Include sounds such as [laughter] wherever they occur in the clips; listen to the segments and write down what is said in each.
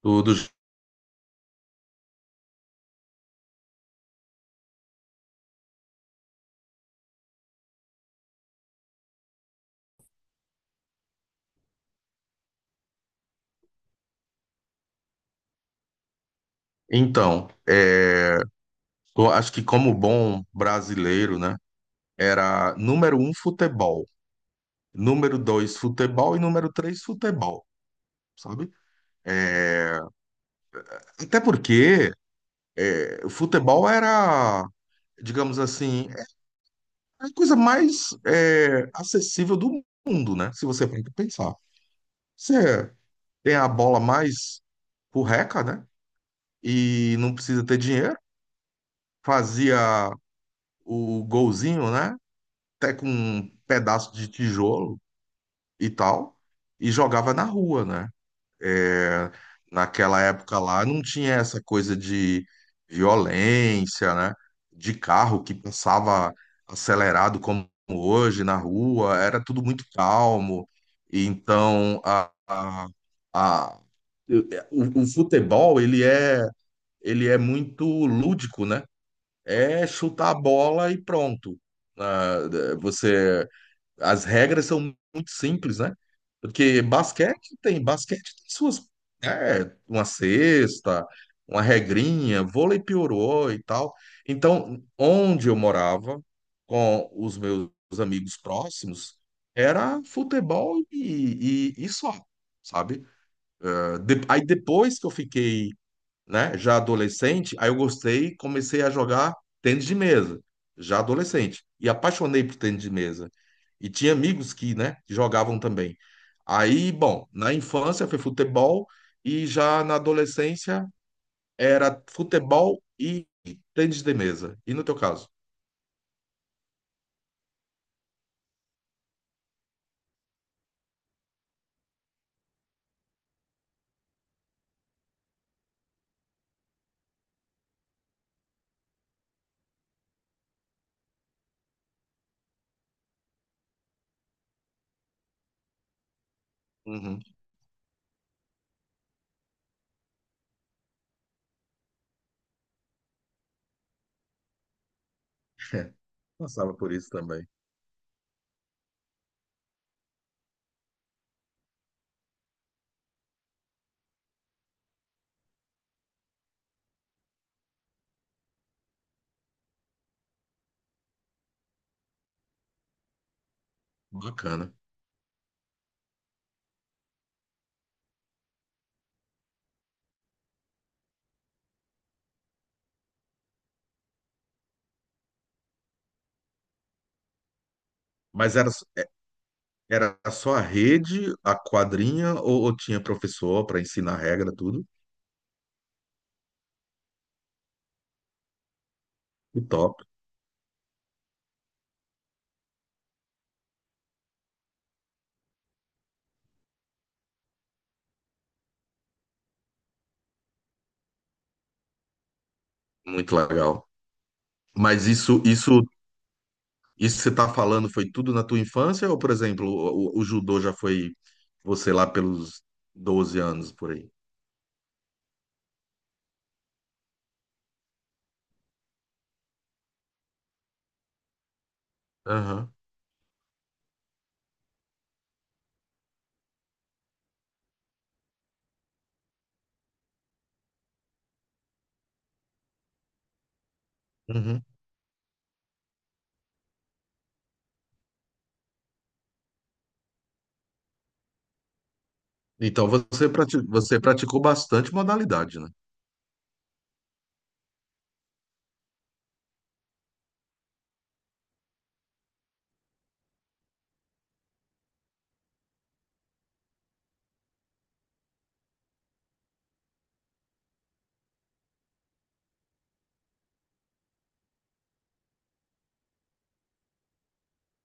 Tudo. Então, eu acho que como bom brasileiro, né? Era número 1 futebol, número 2 futebol e número 3 futebol, sabe? Até porque o futebol era, digamos assim, é a coisa mais acessível do mundo, né? Se você for pensar. Você tem a bola mais porreca, né? E não precisa ter dinheiro. Fazia o golzinho, né? Até com um pedaço de tijolo e tal, e jogava na rua, né? É, naquela época lá não tinha essa coisa de violência, né? De carro que passava acelerado como hoje na rua, era tudo muito calmo. E então, a- o futebol, ele é muito lúdico, né? É chutar a bola e pronto. Ah, é, você as regras são muito simples, né? Porque basquete tem suas, uma cesta, uma regrinha, vôlei piorou e tal. Então, onde eu morava com os meus amigos próximos era futebol e só, sabe? Aí depois que eu fiquei, né? Já adolescente, aí eu gostei e comecei a jogar tênis de mesa, já adolescente. E apaixonei por tênis de mesa. E tinha amigos que, né, jogavam também. Aí, bom, na infância foi futebol e já na adolescência era futebol e tênis de mesa. E no teu caso? Uhum. [laughs] Passava por isso também. Bacana. Mas era só a rede, a quadrinha, ou tinha professor para ensinar a regra, tudo? Que top. Muito legal. Mas isso que você está falando foi tudo na tua infância? Ou, por exemplo, judô já foi você lá pelos 12 anos, por aí? Aham. Uhum. Então você praticou bastante modalidade, né?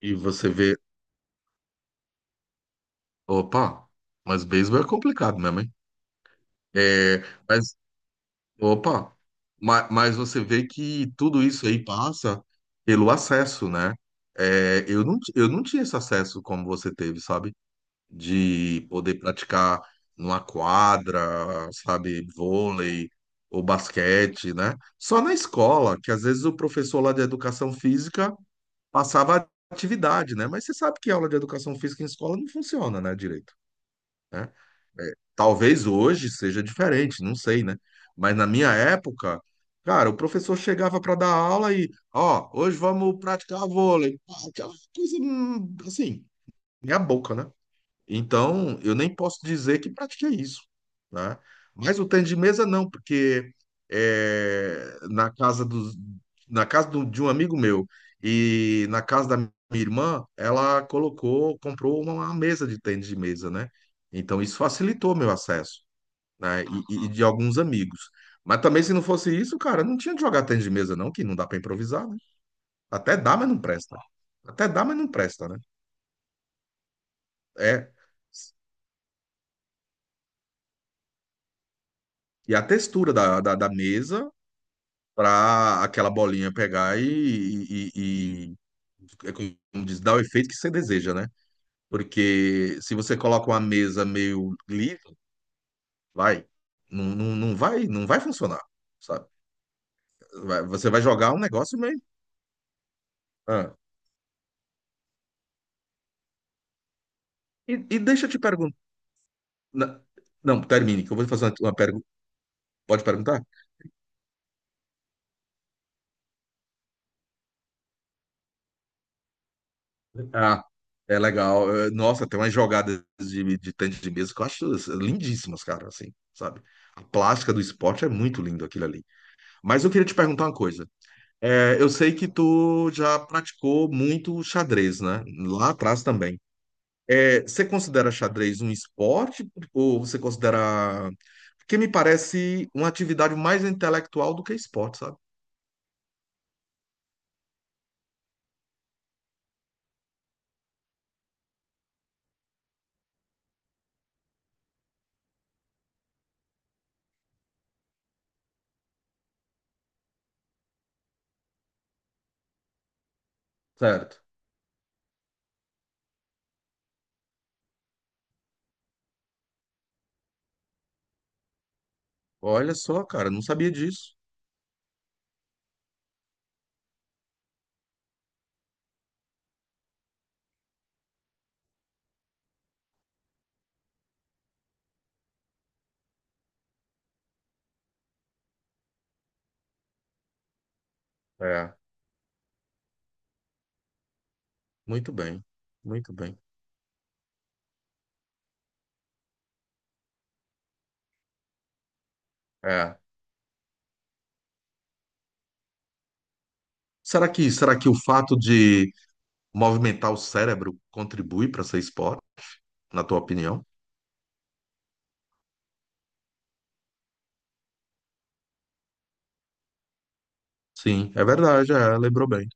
E você vê, opa, mas beisebol é complicado mesmo, hein? É, mas, opa, você vê que tudo isso aí passa pelo acesso, né? Eu não tinha esse acesso como você teve, sabe? De poder praticar numa quadra, sabe, vôlei ou basquete, né? Só na escola, que às vezes o professor lá de educação física passava atividade, né? Mas você sabe que aula de educação física em escola não funciona, né, direito, né? Talvez hoje seja diferente, não sei, né? Mas na minha época, cara, o professor chegava para dar aula e, ó, hoje vamos praticar vôlei. Pá, aquela coisa assim, meia boca, né? Então, eu nem posso dizer que pratiquei isso, né? Mas o tênis de mesa não, porque na casa dos, na casa do- de um amigo meu e na casa da minha irmã, ela colocou, comprou uma mesa de tênis de mesa, né? Então, isso facilitou meu acesso, né? E e de alguns amigos. Mas também, se não fosse isso, cara, não tinha de jogar tênis de mesa, não, que não dá para improvisar, né? Até dá, mas não presta. Até dá, mas não presta, né? É. E a textura da mesa para aquela bolinha pegar é como diz, dá o efeito que você deseja, né? Porque se você coloca uma mesa meio livre, vai, não, não, não vai funcionar, sabe? Você vai jogar um negócio meio. Ah. E deixa eu te perguntar. Não, não, termine, que eu vou fazer uma pergunta. Pode perguntar? Ah, é legal. Nossa, tem umas jogadas de tênis de mesa que eu acho assim, lindíssimas, cara, assim, sabe? A plástica do esporte é muito lindo aquilo ali. Mas eu queria te perguntar uma coisa. Eu sei que tu já praticou muito xadrez, né? Lá atrás também. Você considera xadrez um esporte ou você considera... Porque me parece uma atividade mais intelectual do que esporte, sabe? Certo. Olha só, cara, não sabia disso. É, muito bem, muito bem. É. Será que o fato de movimentar o cérebro contribui para ser esporte, na tua opinião? Sim, é verdade, lembrou bem.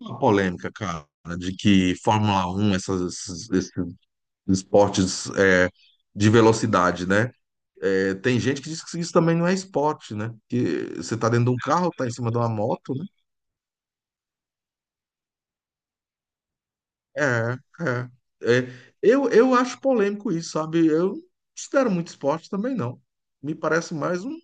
Uma polêmica, cara, de que Fórmula 1 esses esportes de velocidade, né? Tem gente que diz que isso também não é esporte, né? Que você tá dentro de um carro, tá em cima de uma moto, né? É, é. É. Eu acho polêmico isso, sabe? Eu não considero muito esporte também, não. Me parece mais um.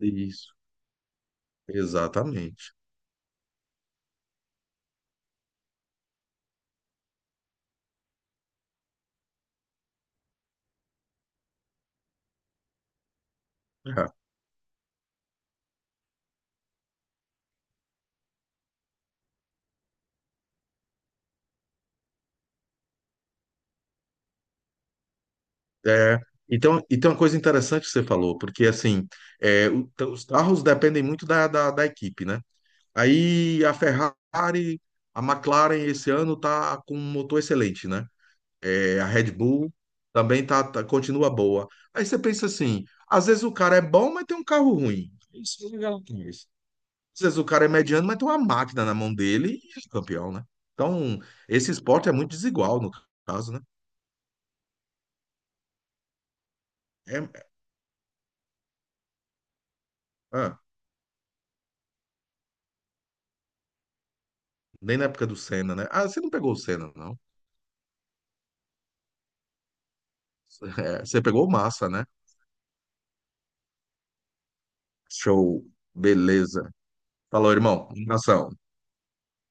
Isso, exatamente. É. É. Então, e tem uma coisa interessante que você falou, porque assim, os carros dependem muito da da equipe, né? Aí a Ferrari, a McLaren esse ano tá com um motor excelente, né? A Red Bull também continua boa. Aí você pensa assim, às vezes o cara é bom, mas tem um carro ruim. Isso é legal demais. Às vezes o cara é mediano, mas tem uma máquina na mão dele e é campeão, né? Então, esse esporte é muito desigual no caso, né? É, é, ah, nem na época do Senna, né? Ah, você não pegou o Senna, não. [laughs] É, você pegou o Massa, né? Show. Beleza. Falou, irmão. Um abração.